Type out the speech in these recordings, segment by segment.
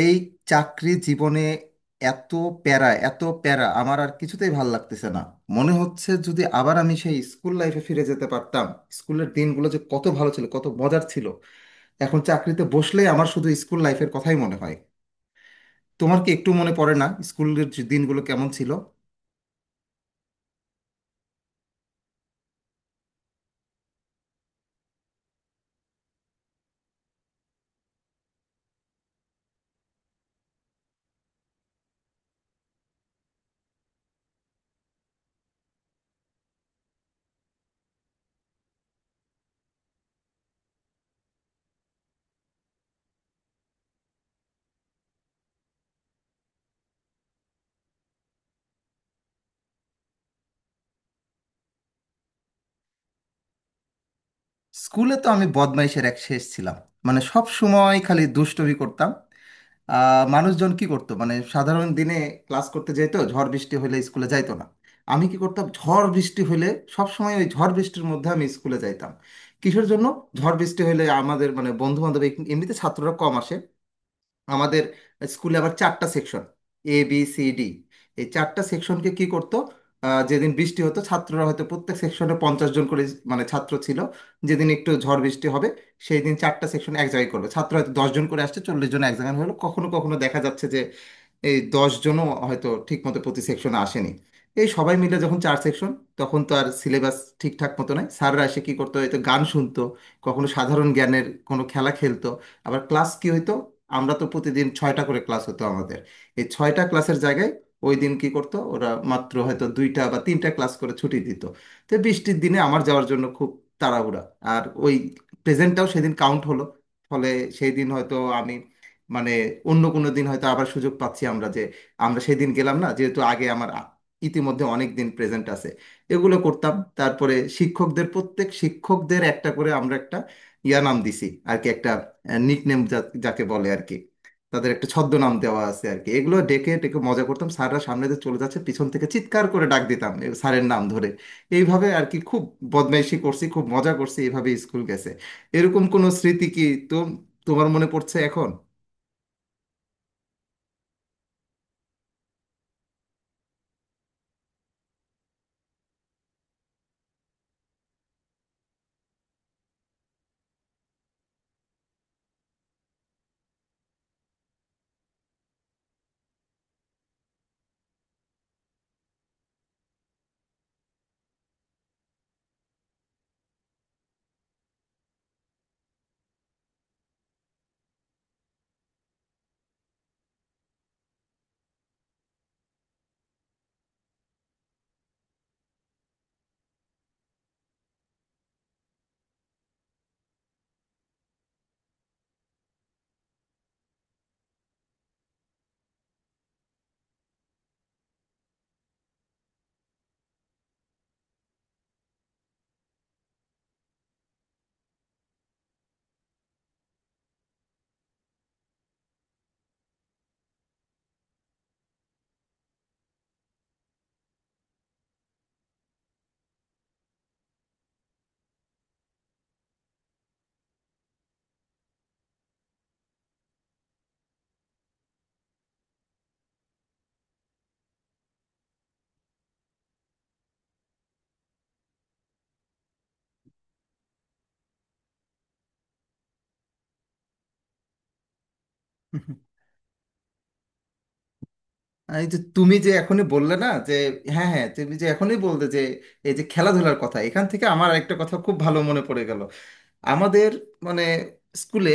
এই চাকরি জীবনে এত প্যারা এত প্যারা আমার আর কিছুতেই ভাল লাগতেছে না। মনে হচ্ছে যদি আবার আমি সেই স্কুল লাইফে ফিরে যেতে পারতাম। স্কুলের দিনগুলো যে কত ভালো ছিল, কত মজার ছিল। এখন চাকরিতে বসলেই আমার শুধু স্কুল লাইফের কথাই মনে হয়। তোমার কি একটু মনে পড়ে না স্কুলের যে দিনগুলো কেমন ছিল? স্কুলে তো আমি বদমাইশের এক শেষ ছিলাম। মানে সব সময় খালি দুষ্টুমি করতাম। মানুষজন কি করতো, মানে সাধারণ দিনে ক্লাস করতে যেত, ঝড় বৃষ্টি হলে স্কুলে যাইতো না। আমি কি করতাম ঝড় বৃষ্টি হলে? সব সময় ওই ঝড় বৃষ্টির মধ্যে আমি স্কুলে যাইতাম। কিসের জন্য? ঝড় বৃষ্টি হলে আমাদের মানে বন্ধু বান্ধব, এমনিতে ছাত্ররা কম আসে। আমাদের স্কুলে আবার চারটা সেকশন, ABCD। এই চারটা সেকশনকে কি করতো, যেদিন বৃষ্টি হতো, ছাত্ররা হয়তো প্রত্যেক সেকশনে 50 জন করে মানে ছাত্র ছিল। যেদিন একটু ঝড় বৃষ্টি হবে সেই দিন চারটা সেকশন এক জায়গায় করবে, ছাত্র হয়তো 10 জন করে আসছে, 40 জন এক জায়গায় হলো। কখনো কখনো দেখা যাচ্ছে যে এই 10 জনও হয়তো ঠিকমতো প্রতি সেকশনে আসেনি। এই সবাই মিলে যখন চার সেকশন, তখন তো আর সিলেবাস ঠিকঠাক মতো নাই। স্যাররা এসে কী করতো, হয়তো গান শুনতো, কখনো সাধারণ জ্ঞানের কোনো খেলা খেলতো। আবার ক্লাস কি হইতো, আমরা তো প্রতিদিন ছয়টা করে ক্লাস হতো আমাদের। এই ছয়টা ক্লাসের জায়গায় ওই দিন কি করতো, ওরা মাত্র হয়তো দুইটা বা তিনটা ক্লাস করে ছুটি দিত। তো বৃষ্টির দিনে আমার যাওয়ার জন্য খুব তাড়াহুড়া। আর ওই প্রেজেন্টটাও সেদিন কাউন্ট হলো। ফলে সেই দিন হয়তো আমি মানে অন্য কোনো দিন হয়তো আবার সুযোগ পাচ্ছি আমরা, যে আমরা সেদিন গেলাম না, যেহেতু আগে আমার ইতিমধ্যে অনেক দিন প্রেজেন্ট আছে। এগুলো করতাম। তারপরে শিক্ষকদের প্রত্যেক শিক্ষকদের একটা করে আমরা একটা নাম দিছি আর কি, একটা নিকনেম যাকে বলে আর কি। তাদের একটা ছদ্মনাম দেওয়া আছে আর কি, এগুলো ডেকে ডেকে মজা করতাম। স্যাররা সামনে দিয়ে চলে যাচ্ছে, পিছন থেকে চিৎকার করে ডাক দিতাম এ স্যারের নাম ধরে। এইভাবে আর কি খুব বদমাইশি করছি, খুব মজা করছি, এইভাবে স্কুল গেছে। এরকম কোনো স্মৃতি কি তো তোমার মনে পড়ছে এখন? এই যে তুমি যে এখনই বললে না যে, হ্যাঁ হ্যাঁ, তুমি যে এখনই বললে যে এই যে খেলাধুলার কথা, এখান থেকে আমার আরেকটা কথা খুব ভালো মনে পড়ে গেল। আমাদের মানে স্কুলে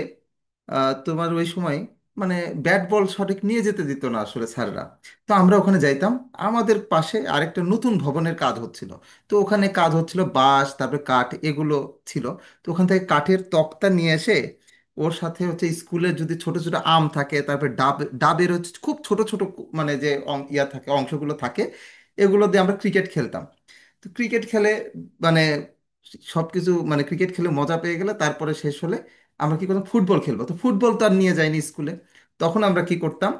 তোমার ওই সময় মানে ব্যাট বল সঠিক নিয়ে যেতে দিত না আসলে স্যাররা। তো আমরা ওখানে যাইতাম। আমাদের পাশে আরেকটা নতুন ভবনের কাজ হচ্ছিল। তো ওখানে কাজ হচ্ছিল, বাঁশ তারপরে কাঠ এগুলো ছিল। তো ওখান থেকে কাঠের তক্তা নিয়ে এসে ওর সাথে হচ্ছে স্কুলের যদি ছোট ছোট আম থাকে, তারপরে ডাব, ডাবের হচ্ছে খুব ছোট ছোট মানে যে অং- ইয়া থাকে অংশগুলো থাকে, এগুলো দিয়ে আমরা ক্রিকেট খেলতাম। তো ক্রিকেট খেলে মানে সবকিছু মানে ক্রিকেট খেলে মজা পেয়ে গেলে, তারপরে শেষ হলে আমরা কি করতাম, ফুটবল খেলবো, তো ফুটবল তো আর নিয়ে যাইনি স্কুলে। তখন আমরা কি করতাম,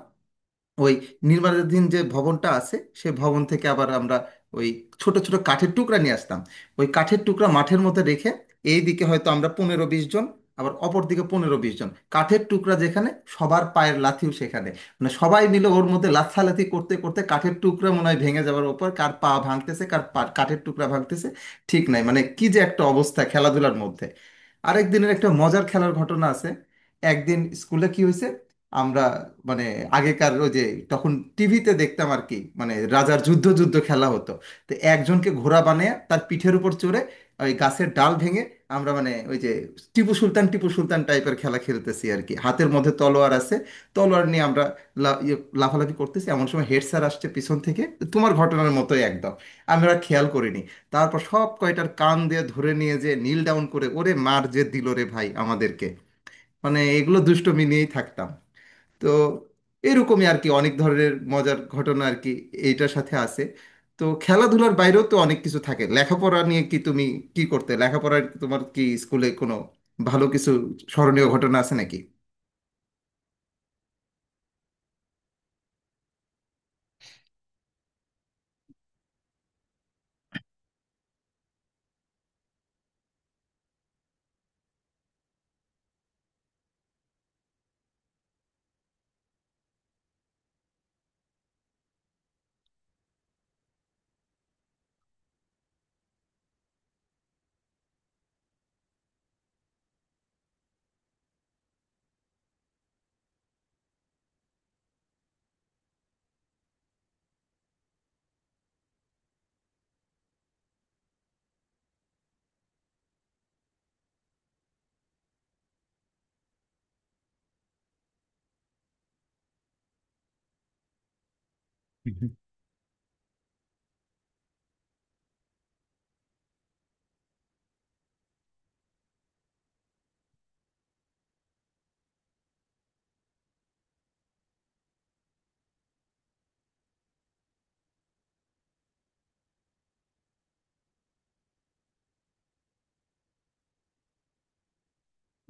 ওই নির্মাণাধীন যে ভবনটা আছে সেই ভবন থেকে আবার আমরা ওই ছোট ছোট কাঠের টুকরা নিয়ে আসতাম। ওই কাঠের টুকরা মাঠের মধ্যে রেখে, এই দিকে হয়তো আমরা 15-20 জন, আবার অপর দিকে 15-20 জন। কাঠের টুকরা যেখানে সবার পায়ের লাথিও সেখানে, মানে সবাই মিলে ওর মধ্যে লাথালাথি করতে করতে কাঠের টুকরা মনে হয় ভেঙে যাওয়ার ওপর, কার পা ভাঙতেছে, কাঠের টুকরা ভাঙতেছে ঠিক নাই, মানে কি যে একটা অবস্থা খেলাধুলার মধ্যে। আরেক দিনের একটা মজার খেলার ঘটনা আছে। একদিন স্কুলে কি হয়েছে, আমরা মানে আগেকার ওই যে তখন টিভিতে দেখতাম আর কি, মানে রাজার যুদ্ধ যুদ্ধ খেলা হতো। তো একজনকে ঘোড়া বানিয়ে তার পিঠের উপর চড়ে ওই গাছের ডাল ভেঙে আমরা মানে ওই যে টিপু সুলতান টিপু সুলতান টাইপের খেলা খেলতেছি আর কি, হাতের মধ্যে তলোয়ার আছে। তলোয়ার নিয়ে আমরা লা- ইয়ে, লাফালাফি করতেছি, এমন সময় হেড স্যার আসছে পিছন থেকে। তোমার ঘটনার মতোই একদম, আমরা খেয়াল করিনি। তারপর সব কয়টার কান দিয়ে ধরে নিয়ে যে নীল ডাউন করে ওরে মার যে দিল রে ভাই আমাদেরকে! মানে এগুলো দুষ্টুমি নিয়েই থাকতাম। তো এরকমই আর কি অনেক ধরনের মজার ঘটনা আর কি এইটার সাথে আছে। তো খেলাধুলার বাইরেও তো অনেক কিছু থাকে, লেখাপড়া নিয়ে কি তুমি কি করতে লেখাপড়ার, তোমার কি স্কুলে কোনো ভালো কিছু স্মরণীয় ঘটনা আছে নাকি?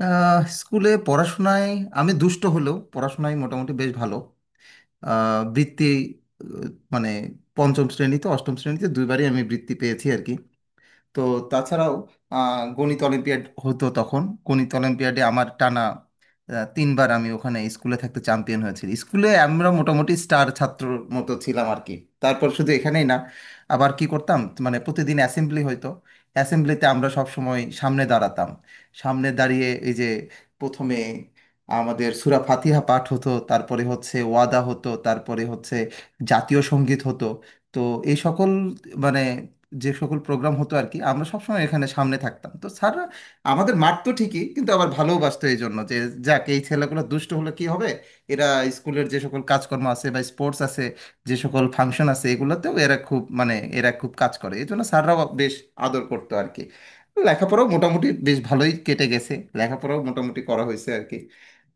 স্কুলে পড়াশোনায় আমি দুষ্ট হলেও পড়াশোনায় মোটামুটি বেশ ভালো। আহ, বৃত্তি আহ, মানে পঞ্চম শ্রেণীতে অষ্টম শ্রেণীতে দুইবারই আমি বৃত্তি পেয়েছি আর কি। তো তাছাড়াও গণিত অলিম্পিয়াড হতো তখন। গণিত অলিম্পিয়াডে আমার টানা তিনবার আমি ওখানে স্কুলে থাকতে চ্যাম্পিয়ন হয়েছি। স্কুলে আমরা মোটামুটি স্টার ছাত্রর মতো ছিলাম আর কি। তারপর শুধু এখানেই না, আবার কি করতাম মানে প্রতিদিন অ্যাসেম্বলি হইতো। অ্যাসেম্বলিতে আমরা সব সময় সামনে দাঁড়াতাম। সামনে দাঁড়িয়ে এই যে প্রথমে আমাদের সুরা ফাতিহা পাঠ হতো, তারপরে হচ্ছে ওয়াদা হতো, তারপরে হচ্ছে জাতীয় সঙ্গীত হতো। তো এই সকল মানে যে সকল প্রোগ্রাম হতো আর কি, আমরা সবসময় এখানে সামনে থাকতাম। তো স্যাররা আমাদের মারতো ঠিকই, কিন্তু আবার ভালোবাসতো এই জন্য যে যাক এই ছেলেগুলো দুষ্ট হলে কি হবে, এরা স্কুলের যে সকল কাজকর্ম আছে বা স্পোর্টস আছে যে সকল ফাংশন আছে এগুলোতেও এরা খুব মানে এরা খুব কাজ করে, এই জন্য স্যাররাও বেশ আদর করতো আর কি। লেখাপড়াও মোটামুটি বেশ ভালোই কেটে গেছে। লেখাপড়াও মোটামুটি করা হয়েছে আর কি।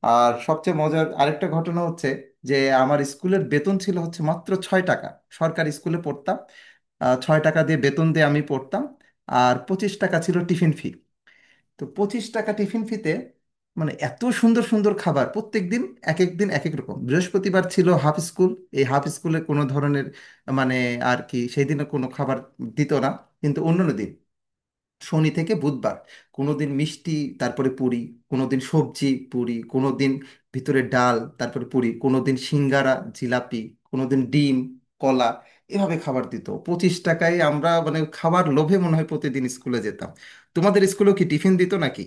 আর সবচেয়ে মজার আরেকটা ঘটনা হচ্ছে যে আমার স্কুলের বেতন ছিল হচ্ছে মাত্র 6 টাকা। সরকারি স্কুলে পড়তাম। 6 টাকা দিয়ে বেতন দিয়ে আমি পড়তাম। আর 25 টাকা ছিল টিফিন ফি। তো 25 টাকা টিফিন ফিতে মানে এত সুন্দর সুন্দর খাবার প্রত্যেক দিন। এক এক দিন এক এক রকম। বৃহস্পতিবার ছিল হাফ স্কুল। এই হাফ স্কুলে কোনো ধরনের মানে আর কি সেই দিনে কোনো খাবার দিত না। কিন্তু অন্যান্য দিন, শনি থেকে বুধবার, কোনোদিন মিষ্টি, তারপরে পুরি, কোনোদিন সবজি পুরি, কোনোদিন ভিতরে ডাল তারপরে পুরি, কোনোদিন সিঙ্গারা জিলাপি, কোনোদিন ডিম, কলা, এভাবে খাবার দিত। 25 টাকায় আমরা মানে খাবার লোভে মনে হয় প্রতিদিন স্কুলে যেতাম। তোমাদের স্কুলেও কি টিফিন দিত নাকি?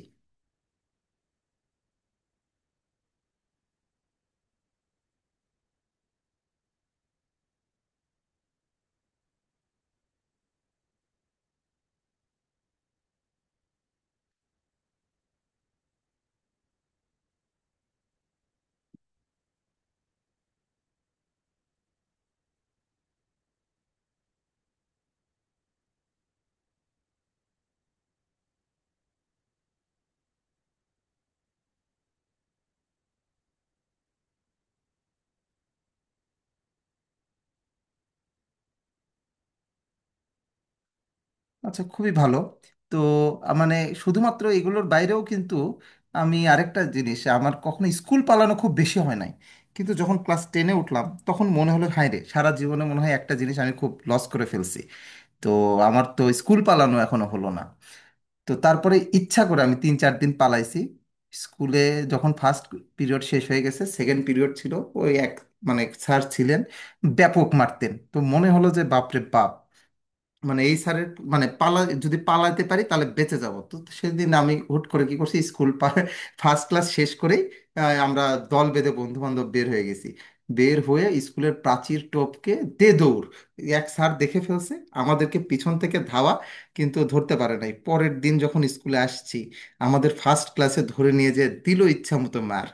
আচ্ছা, খুবই ভালো। তো মানে শুধুমাত্র এগুলোর বাইরেও কিন্তু আমি আরেকটা জিনিস, আমার কখনো স্কুল পালানো খুব বেশি হয় নাই। কিন্তু যখন ক্লাস টেনে উঠলাম তখন মনে হলো, হায় রে, সারা জীবনে মনে হয় একটা জিনিস আমি খুব লস করে ফেলছি। তো আমার তো স্কুল পালানো এখনো হলো না। তো তারপরে ইচ্ছা করে আমি 3-4 দিন পালাইছি স্কুলে। যখন ফার্স্ট পিরিয়ড শেষ হয়ে গেছে, সেকেন্ড পিরিয়ড ছিল ওই এক মানে স্যার ছিলেন ব্যাপক মারতেন, তো মনে হলো যে বাপরে বাপ, মানে এই স্যারের মানে পালা, যদি পালাতে পারি তাহলে বেঁচে যাব। তো সেদিন আমি হুট করে কি করছি, স্কুল ফার্স্ট ক্লাস শেষ করেই আমরা দল বেঁধে বন্ধু বান্ধব বের হয়ে গেছি। বের হয়ে স্কুলের প্রাচীর টপকে দে দৌড়। এক স্যার দেখে ফেলছে, আমাদেরকে পিছন থেকে ধাওয়া, কিন্তু ধরতে পারে নাই। পরের দিন যখন স্কুলে আসছি, আমাদের ফার্স্ট ক্লাসে ধরে নিয়ে যেয়ে দিল ইচ্ছা মতো মার।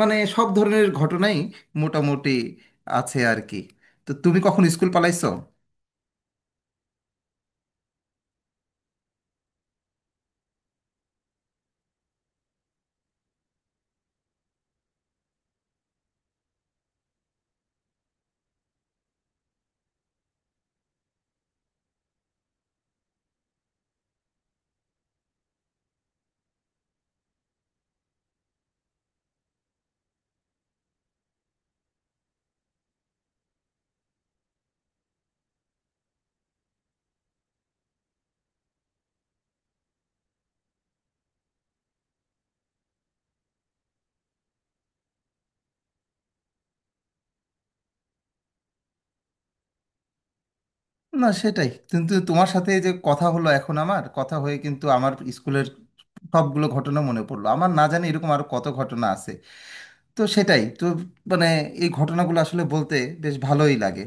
মানে সব ধরনের ঘটনাই মোটামুটি আছে আর কি। তো তুমি কখন স্কুল পালাইছো? না, সেটাই। কিন্তু তোমার সাথে এই যে কথা হলো এখন আমার কথা হয়ে, কিন্তু আমার স্কুলের সবগুলো ঘটনা মনে পড়লো, আমার না জানি এরকম আরো কত ঘটনা আছে। তো সেটাই তো মানে এই ঘটনাগুলো আসলে বলতে বেশ ভালোই লাগে।